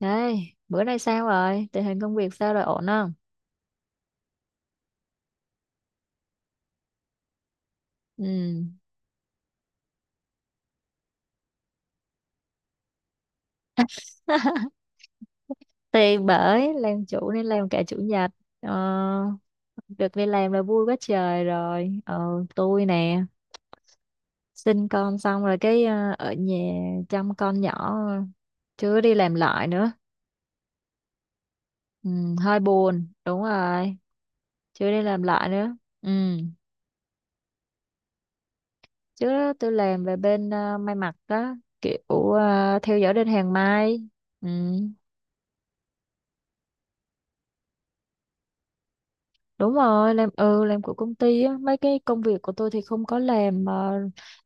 Đây, bữa nay sao rồi? Tình hình công việc sao rồi ổn không? Ừ. Thì bởi làm chủ nên làm cả chủ nhật. Ờ, được đi làm là vui quá trời rồi. Ờ, tôi nè, sinh con xong rồi cái ở nhà chăm con nhỏ chưa đi làm lại nữa. Ừ, hơi buồn, đúng rồi, chưa đi làm lại nữa. Ừ. Trước đó tôi làm về bên may mặc đó, kiểu theo dõi đơn hàng may. Ừ. Đúng rồi, làm làm của công ty á, mấy cái công việc của tôi thì không có làm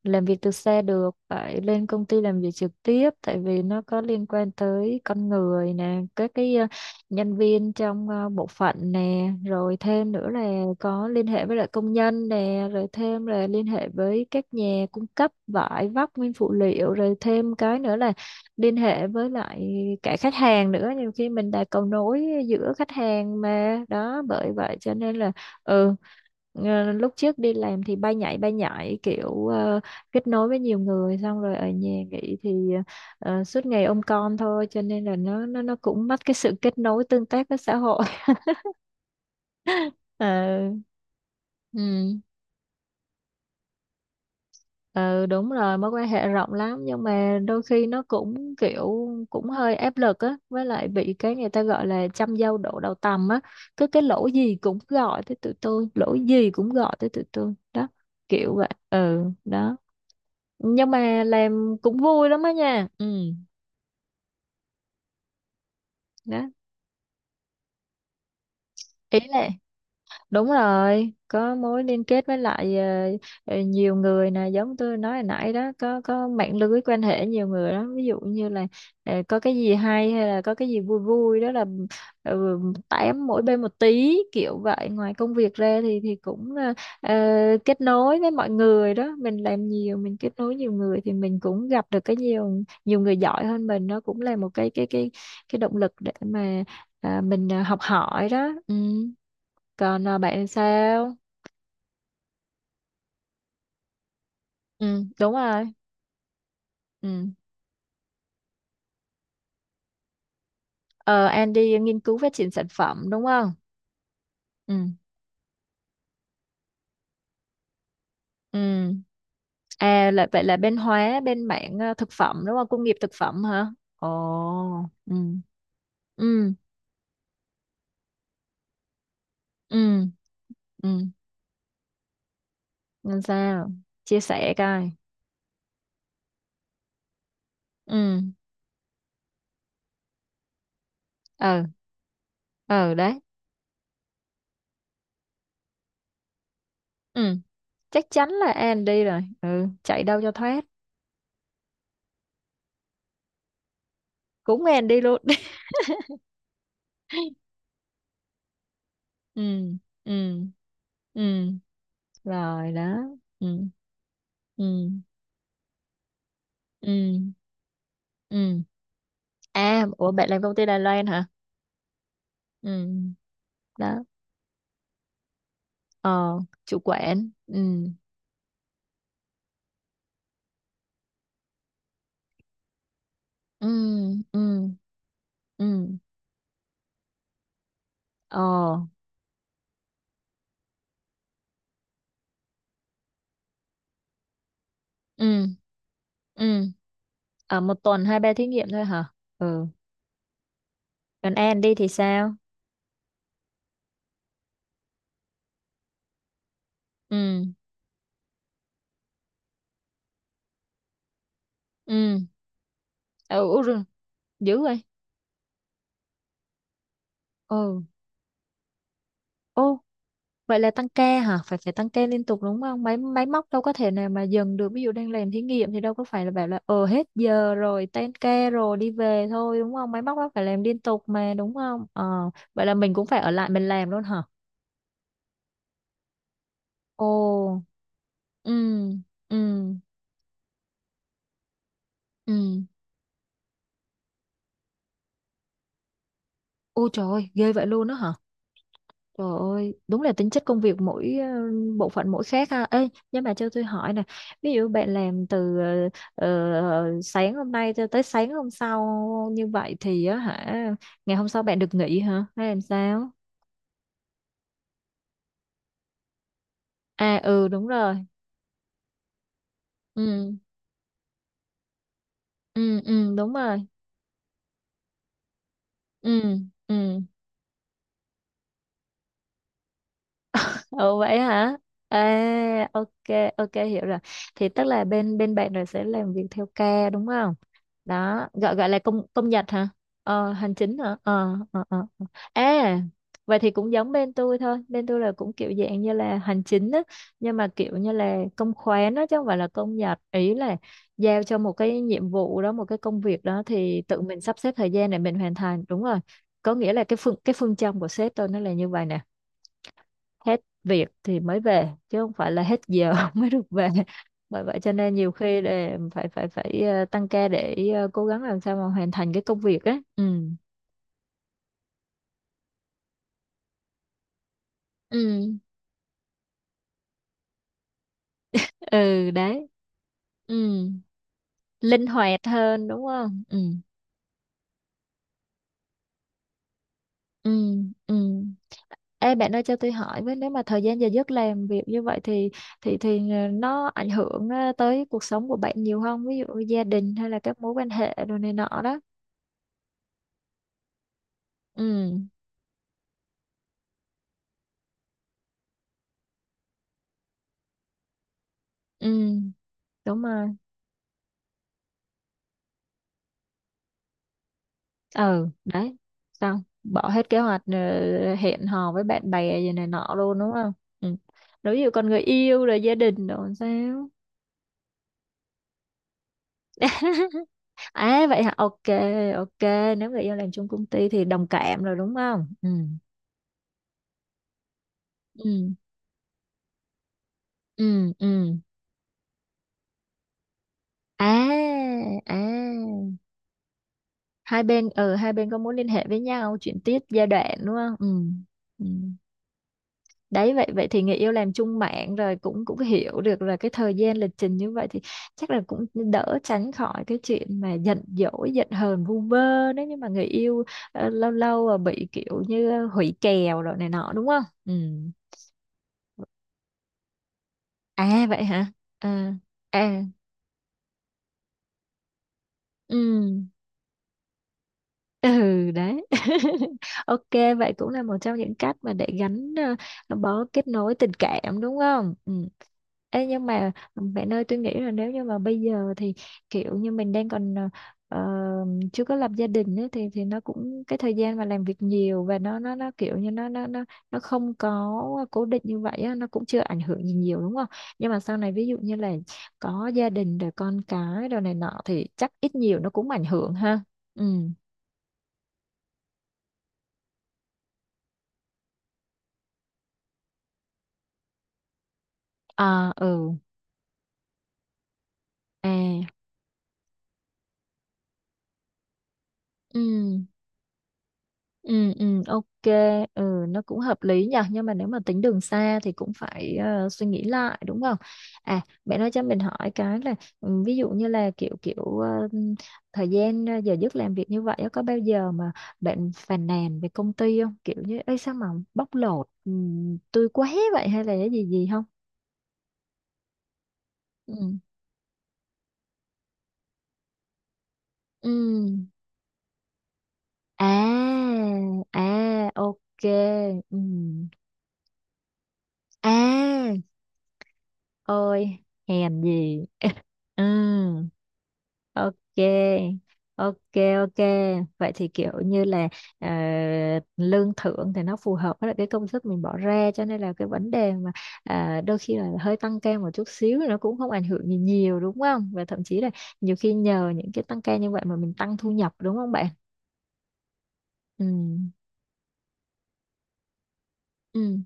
làm việc từ xa được, phải lên công ty làm việc trực tiếp tại vì nó có liên quan tới con người nè, các cái nhân viên trong bộ phận nè, rồi thêm nữa là có liên hệ với lại công nhân nè, rồi thêm là liên hệ với các nhà cung cấp vải vóc nguyên phụ liệu, rồi thêm cái nữa là liên hệ với lại cả khách hàng nữa, nhiều khi mình là cầu nối giữa khách hàng mà đó, bởi vậy cho nên là ừ, lúc trước đi làm thì bay nhảy kiểu kết nối với nhiều người, xong rồi ở nhà nghỉ thì suốt ngày ôm con thôi, cho nên là nó cũng mất cái sự kết nối tương tác với xã hội. Ờ, ừ. Ừ đúng rồi, mối quan hệ rộng lắm nhưng mà đôi khi nó cũng kiểu cũng hơi áp lực á, với lại bị cái người ta gọi là trăm dâu đổ đầu tằm á, cứ cái lỗi gì cũng gọi tới tụi tôi, lỗi gì cũng gọi tới tụi tôi đó, kiểu vậy ừ đó, nhưng mà làm cũng vui lắm á nha. Ừ đó, ý là đúng rồi, có mối liên kết với lại nhiều người nè, giống tôi nói hồi nãy đó, có mạng lưới quan hệ nhiều người đó, ví dụ như là có cái gì hay hay là có cái gì vui vui đó là ừ, tám mỗi bên một tí kiểu vậy. Ngoài công việc ra thì cũng ờ, kết nối với mọi người đó, mình làm nhiều, mình kết nối nhiều người thì mình cũng gặp được cái nhiều, nhiều người giỏi hơn mình, nó cũng là một cái động lực để mà mình học hỏi đó. Ừ. Còn à, bạn sao? Ừ, đúng rồi. Ừ. Ờ, An đi nghiên cứu phát triển sản phẩm đúng không? Ừ. Ừ. À là vậy là bên hóa, bên mảng à, thực phẩm đúng không? Công nghiệp thực phẩm hả? Ồ. Ừ. Ừ. Ừ. Ừ. Nên sao? Chia sẻ coi. Ừ. Ừ. Ừ đấy. Ừ. Chắc chắn là An đi rồi. Ừ. Chạy đâu cho thoát. Cũng An đi luôn. Ừ. Ừ. Ừ. Rồi đó. Ừ. Ừ. Ừ. Ừ. À, ủa bạn làm công ty Đài Loan hả? Ừ, đó. Ờ, chủ quản. Ừ, ừ, ừ, ừ. Ờ, ừ, ừ. Ở một tuần hai ba thí nghiệm thôi hả? Ừ. Còn An đi thì sao? Ừ, ừ. Ừ, dữ rồi. Ừ. Vậy là tăng ca hả? Phải phải tăng ca liên tục đúng không? Máy máy móc đâu có thể nào mà dừng được. Ví dụ đang làm thí nghiệm thì đâu có phải là bảo là ờ hết giờ rồi, tan ca rồi đi về thôi đúng không? Máy móc nó phải làm liên tục mà đúng không? Ờ, vậy là mình cũng phải ở lại mình làm luôn hả? Ồ, ừ, ừ, ừ. Ôi trời ơi, ghê vậy luôn đó hả? Trời ơi, đúng là tính chất công việc mỗi bộ phận mỗi khác ha. Ê, nhưng mà cho tôi hỏi nè, ví dụ bạn làm từ sáng hôm nay cho tới sáng hôm sau như vậy thì á hả, ngày hôm sau bạn được nghỉ hả? Hay làm sao? À ừ đúng rồi. Ừ, ừ, ừ đúng rồi. Ừ, ừ. Ồ vậy hả? À ok, ok hiểu rồi. Thì tức là bên bên bạn rồi sẽ làm việc theo ca đúng không? Đó gọi gọi là công công nhật hả? Ờ, hành chính hả? Ờ. À vậy thì cũng giống bên tôi thôi, bên tôi là cũng kiểu dạng như là hành chính á, nhưng mà kiểu như là công khoán đó chứ không phải là công nhật. Ý là giao cho một cái nhiệm vụ đó, một cái công việc đó thì tự mình sắp xếp thời gian để mình hoàn thành, đúng rồi. Có nghĩa là cái phương, cái phương châm của sếp tôi nó là như vậy nè, hết việc thì mới về chứ không phải là hết giờ mới được về, bởi vậy cho nên nhiều khi để phải phải phải tăng ca để cố gắng làm sao mà hoàn thành cái công việc ấy. Ừ, ừ, ừ đấy. Ừ linh hoạt hơn đúng không. Ừ, ừ, ừ. Ê bạn ơi cho tôi hỏi với, nếu mà thời gian giờ giấc làm việc như vậy thì thì nó ảnh hưởng tới cuộc sống của bạn nhiều không, ví dụ gia đình hay là các mối quan hệ đồ này nọ đó. Ừ, ừ đúng rồi. Ừ đấy, xong bỏ hết kế hoạch hẹn hò với bạn bè gì này nọ luôn đúng không. Ừ. Nếu như còn người yêu rồi gia đình rồi làm sao? À vậy hả, ok ok. Nếu người yêu làm chung công ty thì đồng cảm rồi đúng không? Ừ, ừ, ừ, ừ. À, à, hai bên, ừ hai bên có muốn liên hệ với nhau, chuyển tiếp giai đoạn đúng không? Ừ, ừ đấy. Vậy vậy thì người yêu làm chung mạng rồi cũng cũng hiểu được là cái thời gian lịch trình như vậy thì chắc là cũng đỡ tránh khỏi cái chuyện mà giận dỗi giận hờn vu vơ, nếu như mà người yêu lâu lâu bị kiểu như hủy kèo rồi này nọ đúng không. Ừ à vậy hả, à à ừ. Ừ đấy. Ok, vậy cũng là một trong những cách mà để gắn bó, kết nối tình cảm đúng không? Ừ. Ê, nhưng mà bạn ơi tôi nghĩ là nếu như mà bây giờ thì kiểu như mình đang còn ờ, chưa có lập gia đình ấy, thì nó cũng cái thời gian mà làm việc nhiều và nó kiểu như nó không có cố định như vậy á, nó cũng chưa ảnh hưởng gì nhiều đúng không? Nhưng mà sau này ví dụ như là có gia đình rồi con cái rồi này nọ thì chắc ít nhiều nó cũng ảnh hưởng ha. Ừ. À ừ, à ừ, ừ, ừ, ok, ừ nó cũng hợp lý nhỉ, nhưng mà nếu mà tính đường xa thì cũng phải suy nghĩ lại đúng không? À mẹ nói cho mình hỏi cái là ừ, ví dụ như là kiểu kiểu thời gian giờ giấc làm việc như vậy á, có bao giờ mà bạn phàn nàn về công ty không? Kiểu như ấy sao mà bóc lột ừ, tôi quá vậy, hay là cái gì gì không? Ừ, ừ, à à ok, ừ. À ôi, hèn gì. Ừ, ok ok ok. Vậy thì kiểu như là ờ, lương thưởng thì nó phù hợp với lại cái công sức mình bỏ ra cho nên là cái vấn đề mà đôi khi là hơi tăng ca một chút xíu nó cũng không ảnh hưởng gì nhiều đúng không, và thậm chí là nhiều khi nhờ những cái tăng ca như vậy mà mình tăng thu nhập đúng không bạn. Ừ, ừ,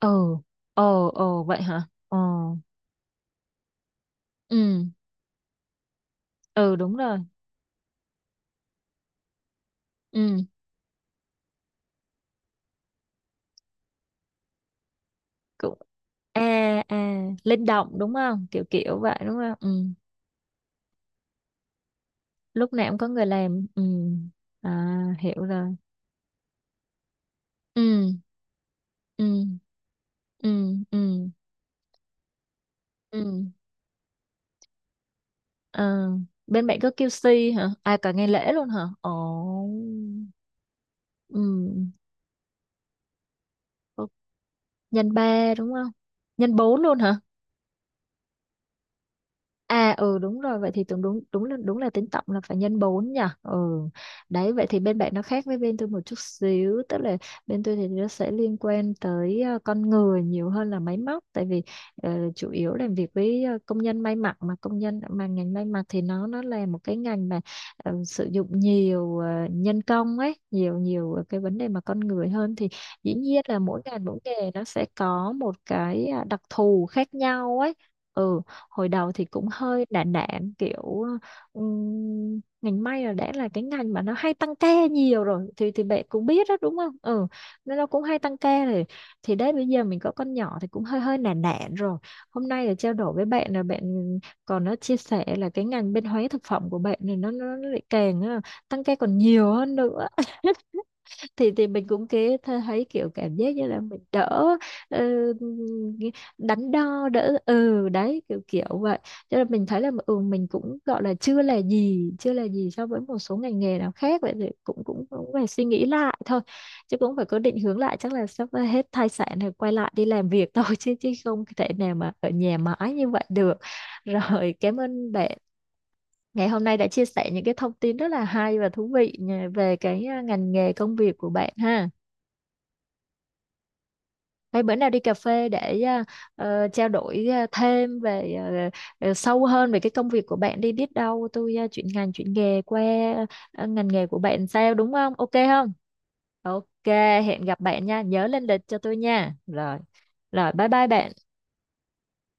ừ, ồ ồ vậy hả, ồ. Ừ, ừ đúng rồi. Ừ cũng à à linh động đúng không, kiểu kiểu vậy đúng không. Ừ. Lúc nào cũng có người làm, ừ. À hiểu rồi. Ừ, ừ, ừ, ừ, ừ. Ờ, bên bạn có QC hả, à cả ngày lễ luôn hả, ồ. Ừ. Nhân ba đúng không? Nhân bốn luôn hả? À ừ đúng rồi, vậy thì tưởng đúng, đúng là tính tổng là phải nhân 4 nhỉ. Ừ. Đấy vậy thì bên bạn nó khác với bên tôi một chút xíu, tức là bên tôi thì nó sẽ liên quan tới con người nhiều hơn là máy móc, tại vì chủ yếu làm việc với công nhân may mặc, mà công nhân mà ngành may mặc thì nó là một cái ngành mà sử dụng nhiều nhân công ấy, nhiều, nhiều cái vấn đề mà con người hơn, thì dĩ nhiên là mỗi ngành mỗi nghề nó sẽ có một cái đặc thù khác nhau ấy. Ừ, hồi đầu thì cũng hơi đạn đạn kiểu ngành may là đã là cái ngành mà nó hay tăng ca nhiều rồi, thì bạn cũng biết đó đúng không. Ừ, nên nó cũng hay tăng ca rồi, thì đấy bây giờ mình có con nhỏ thì cũng hơi hơi nản nản rồi. Hôm nay là trao đổi với bạn, là bạn còn nó chia sẻ là cái ngành bên hóa thực phẩm của bạn này nó lại càng tăng ca còn nhiều hơn nữa, thì mình cũng thấy kiểu cảm giác như là mình đỡ ờ, đắn đo đỡ, ừ đấy kiểu kiểu vậy, cho nên mình thấy là ừ mình cũng gọi là chưa là gì, chưa là gì so với một số ngành nghề nào khác, vậy thì cũng cũng cũng phải suy nghĩ lại thôi, chứ cũng phải có định hướng lại, chắc là sắp hết thai sản thì quay lại đi làm việc thôi, chứ chứ không thể nào mà ở nhà mãi như vậy được. Rồi cảm ơn bạn ngày hôm nay đã chia sẻ những cái thông tin rất là hay và thú vị về cái à, ngành nghề công việc của bạn ha. Vậy bữa nào đi cà phê để à, trao đổi à, thêm về à, sâu hơn về cái công việc của bạn đi, biết đâu tôi à, chuyển ngành chuyển nghề qua à, ngành nghề của bạn sao đúng không? Ok không? Ok, hẹn gặp bạn nha, nhớ lên lịch cho tôi nha. Rồi, rồi bye bye bạn.